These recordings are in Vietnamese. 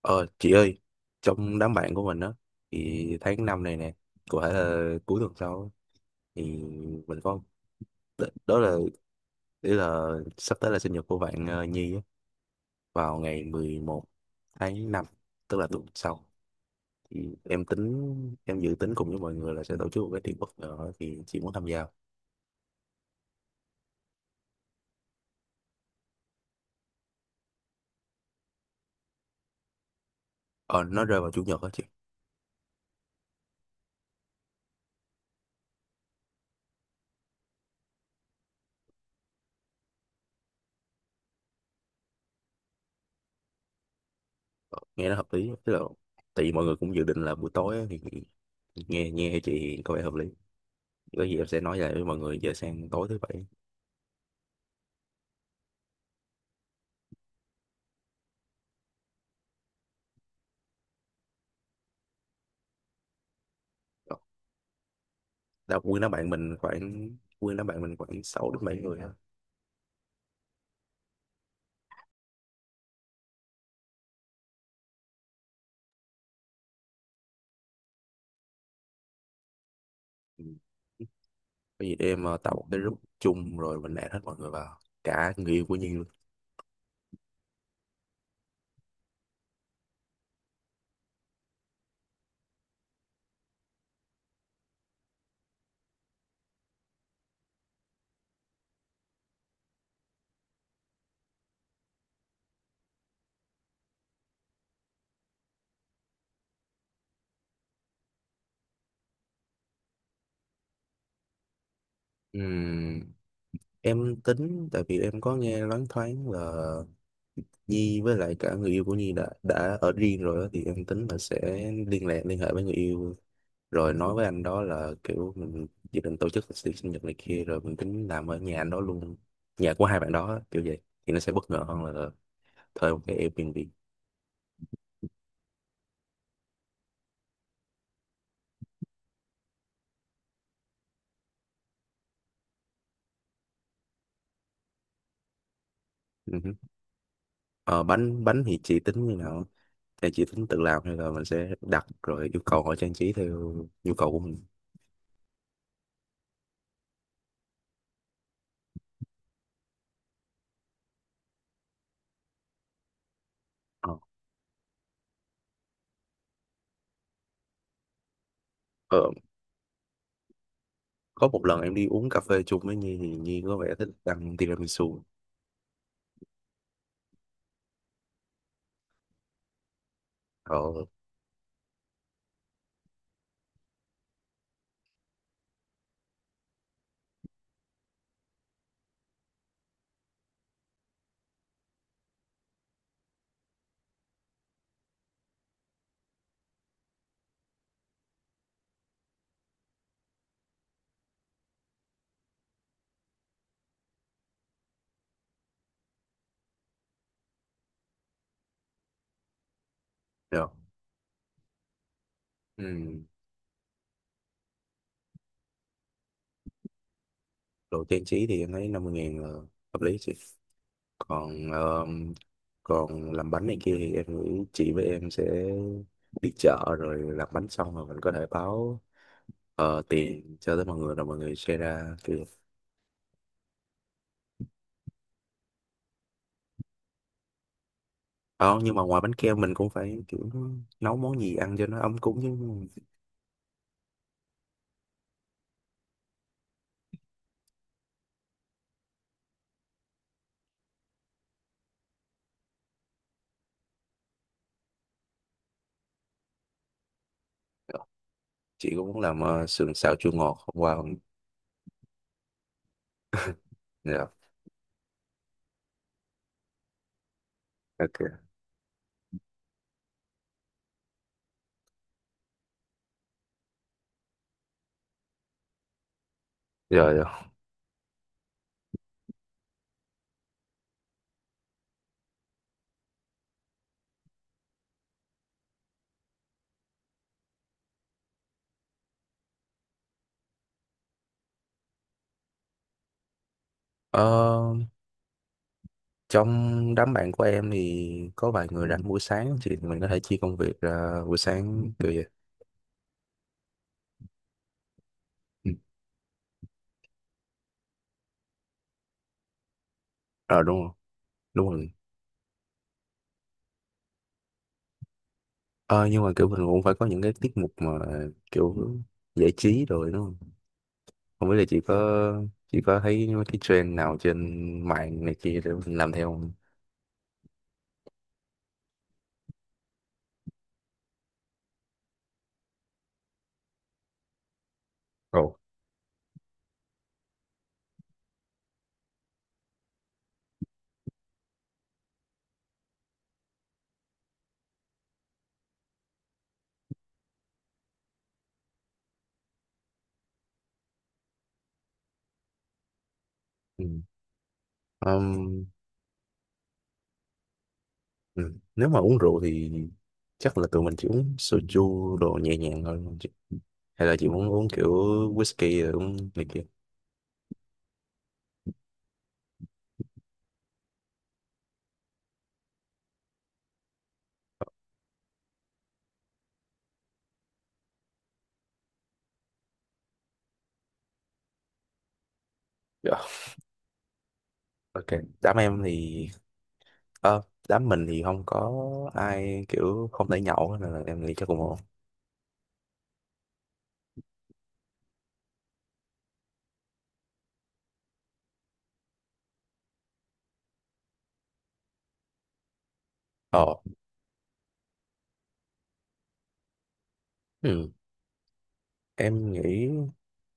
Ờ, chị ơi, trong đám bạn của mình á, thì tháng năm này nè, có thể là cuối tuần sau á, thì mình có đ- đó là ý là sắp tới là sinh nhật của bạn Nhi á, vào ngày 11 tháng 5 tức là tuần sau. Thì em tính em dự tính cùng với mọi người là sẽ tổ chức một cái tiệc bất ngờ á, thì chị muốn tham gia. Ờ, nó rơi vào chủ nhật á chị. Ờ, Nghe nó hợp lý á, tức là tại vì mọi người cũng dự định là buổi tối á, thì nghe nghe chị có vẻ hợp lý. Có gì em sẽ nói lại với mọi người giờ sang tối thứ bảy đã quyên đám bạn mình khoảng quyên đám bạn mình khoảng 6 đến 7 người á. Ừ. Có gì để em tạo một cái group chung rồi mình add hết mọi người vào cả người yêu của Nhi luôn. Ừm, em tính tại vì em có nghe loáng thoáng là Nhi với lại cả người yêu của Nhi đã ở riêng rồi á, thì em tính là sẽ liên hệ với người yêu rồi nói với anh đó là kiểu mình dự định tổ chức tiệc sinh nhật này kia rồi mình tính làm ở nhà anh đó luôn, nhà của hai bạn đó á, kiểu vậy thì nó sẽ bất ngờ hơn là thuê một cái Airbnb. Ừ hứ. Ờ, bánh bánh thì chị tính như nào, thì chị tính tự làm hay là mình sẽ đặt rồi yêu cầu họ trang trí theo nhu cầu của mình. ờ, ờ, có một lần em đi uống cà phê chung với Nhi thì Nhi có vẻ thích ăn tiramisu. ờ Được. Ừ. Đồ trang trí thì em thấy 50.000 là hợp lý chị. Còn ờ, còn làm bánh này kia thì em nghĩ chị với em sẽ đi chợ rồi làm bánh xong rồi mình có thể báo tiền cho tới mọi người rồi mọi người share ra kiểu. Ờ, nhưng mà ngoài bánh kem mình cũng phải kiểu nấu món gì ăn cho nó ấm cúng chứ. Chị cũng muốn làm sườn xào chua ngọt hôm qua không? Dạ. Ok. Rồi, rồi. Ờ, Trong đám bạn của em thì có vài người rảnh buổi sáng thì mình có thể chia công việc ra buổi sáng kiểu vậy. Ừ. Ờ Đúng rồi, đúng rồi. Ờ, nhưng mà kiểu mình cũng phải có những cái tiết mục mà kiểu giải trí rồi đúng không? Không biết là chị có thấy cái trend nào trên mạng này kia để mình làm theo không? Ồ. Ừ. Ừm, ừ. Nếu mà uống rượu thì chắc là tụi mình chỉ uống soju đồ nhẹ nhàng thôi đúng không chị? Hay là chị muốn uống kiểu whisky rồi uống này kia? Dạ. Ok, đám em thì ờ, đám mình thì không có ai kiểu không thể nhậu hết, nên là em nghĩ chắc cũng ổn. Ờ. Ừ. Em nghĩ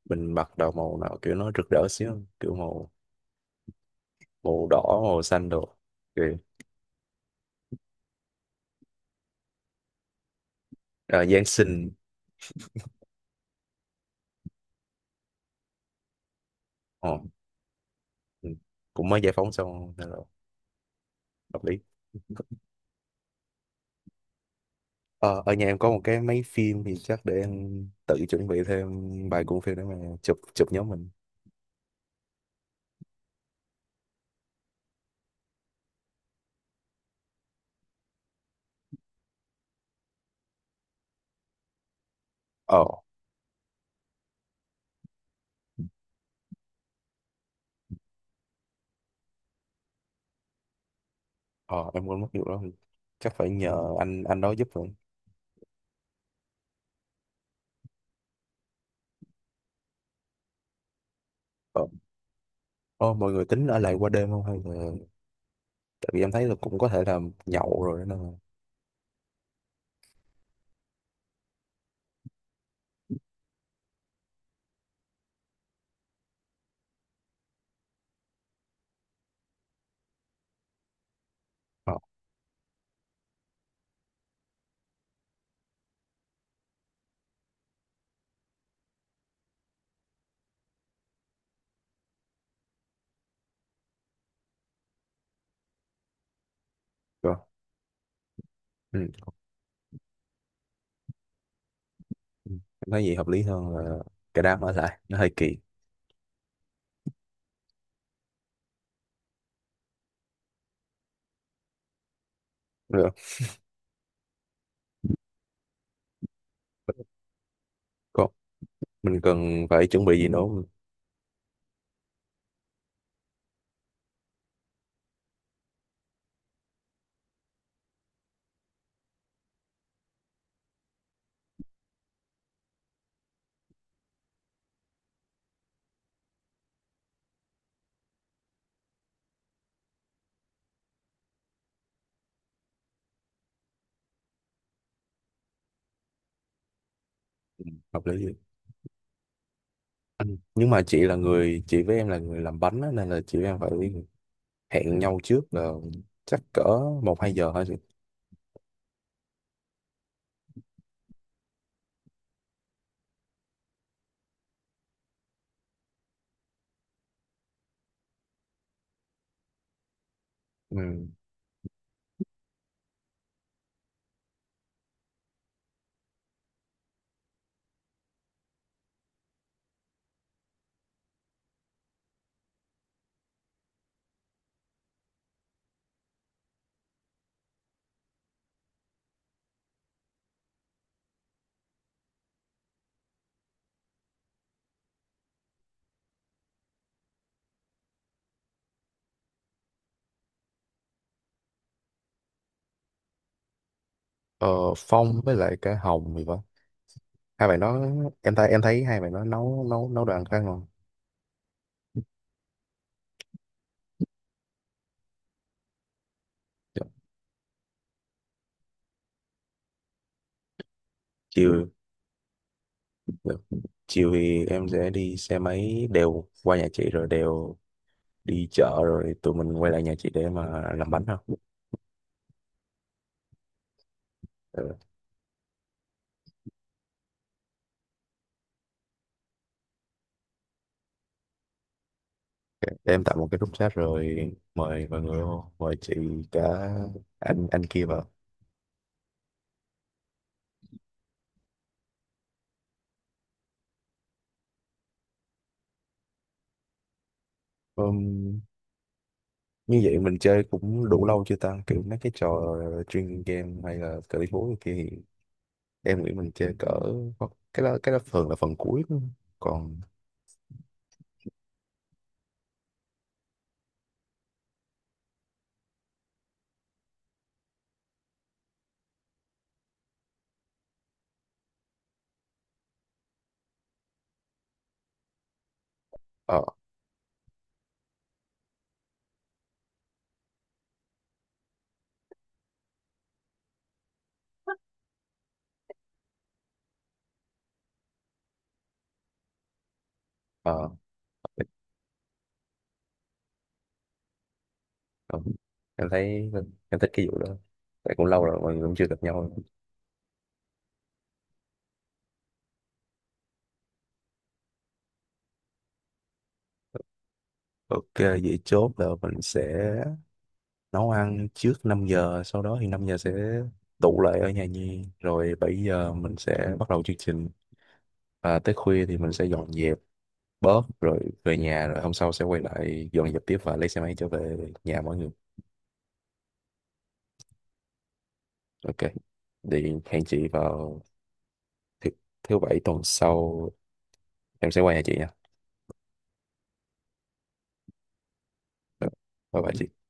mình mặc đồ màu nào kiểu nó rực rỡ xíu không? Kiểu màu màu đỏ, màu xanh đồ. Kiểu à, Giáng sinh. Ờ, ừ. Cũng mới giải phóng xong nên là hợp lý. Ờ, Ở nhà em có một cái máy phim thì chắc để em tự chuẩn bị thêm vài cuộn phim để mà chụp chụp nhóm mình. Ờ, ờ em quên mất vụ đó. Chắc phải nhờ anh đó giúp rồi. Ờ, ờ, Mọi người tính ở lại qua đêm không hay là tại vì em thấy là cũng có thể là nhậu rồi đó nên là. Ờ, Được. Ừ. Ừ. Em thấy gì hợp lý hơn là cái đám ở lại nó hơi kỳ được, có mình cần phải chuẩn bị gì nữa không? Hợp lý gì. Ừ. Nhưng mà chị với em là người làm bánh á, nên là chị với em phải hẹn nhau trước là chắc cỡ 1-2 giờ thôi chị. Ừ. ờ, Phong với lại cái Hồng thì vậy, hai bạn đó em thấy hai bạn đó nấu nấu nấu đồ ăn khá ngon. Dạ. chiều Được. Chiều thì em sẽ đi xe máy đều qua nhà chị rồi đều đi chợ rồi tụi mình quay lại nhà chị để mà làm bánh không. Để em tạo một cái group chat rồi mời mọi người vô, mời chị cả anh kia vào. Ừm, Như vậy mình chơi cũng đủ lâu chưa ta? Kiểu mấy cái trò chuyên game hay là cờ lý bố kia thì em nghĩ mình chơi cỡ cái đó thường là phần cuối đúng còn ờ ờ ờ. em thấy em thích cái vụ đó tại cũng lâu rồi mọi người cũng chưa gặp nhau. Ok vậy chốt là mình sẽ nấu ăn trước 5 giờ, sau đó thì 5 giờ sẽ tụ lại ở nhà Nhi rồi 7 giờ mình sẽ bắt đầu chương trình và tới khuya thì mình sẽ dọn dẹp bớt rồi về nhà rồi hôm sau sẽ quay lại dọn dẹp tiếp và lấy xe máy trở về nhà mọi người. Ok thì hẹn chị vào thứ, thứ bảy tuần sau, em sẽ qua nhà chị nha. Bye bye chị.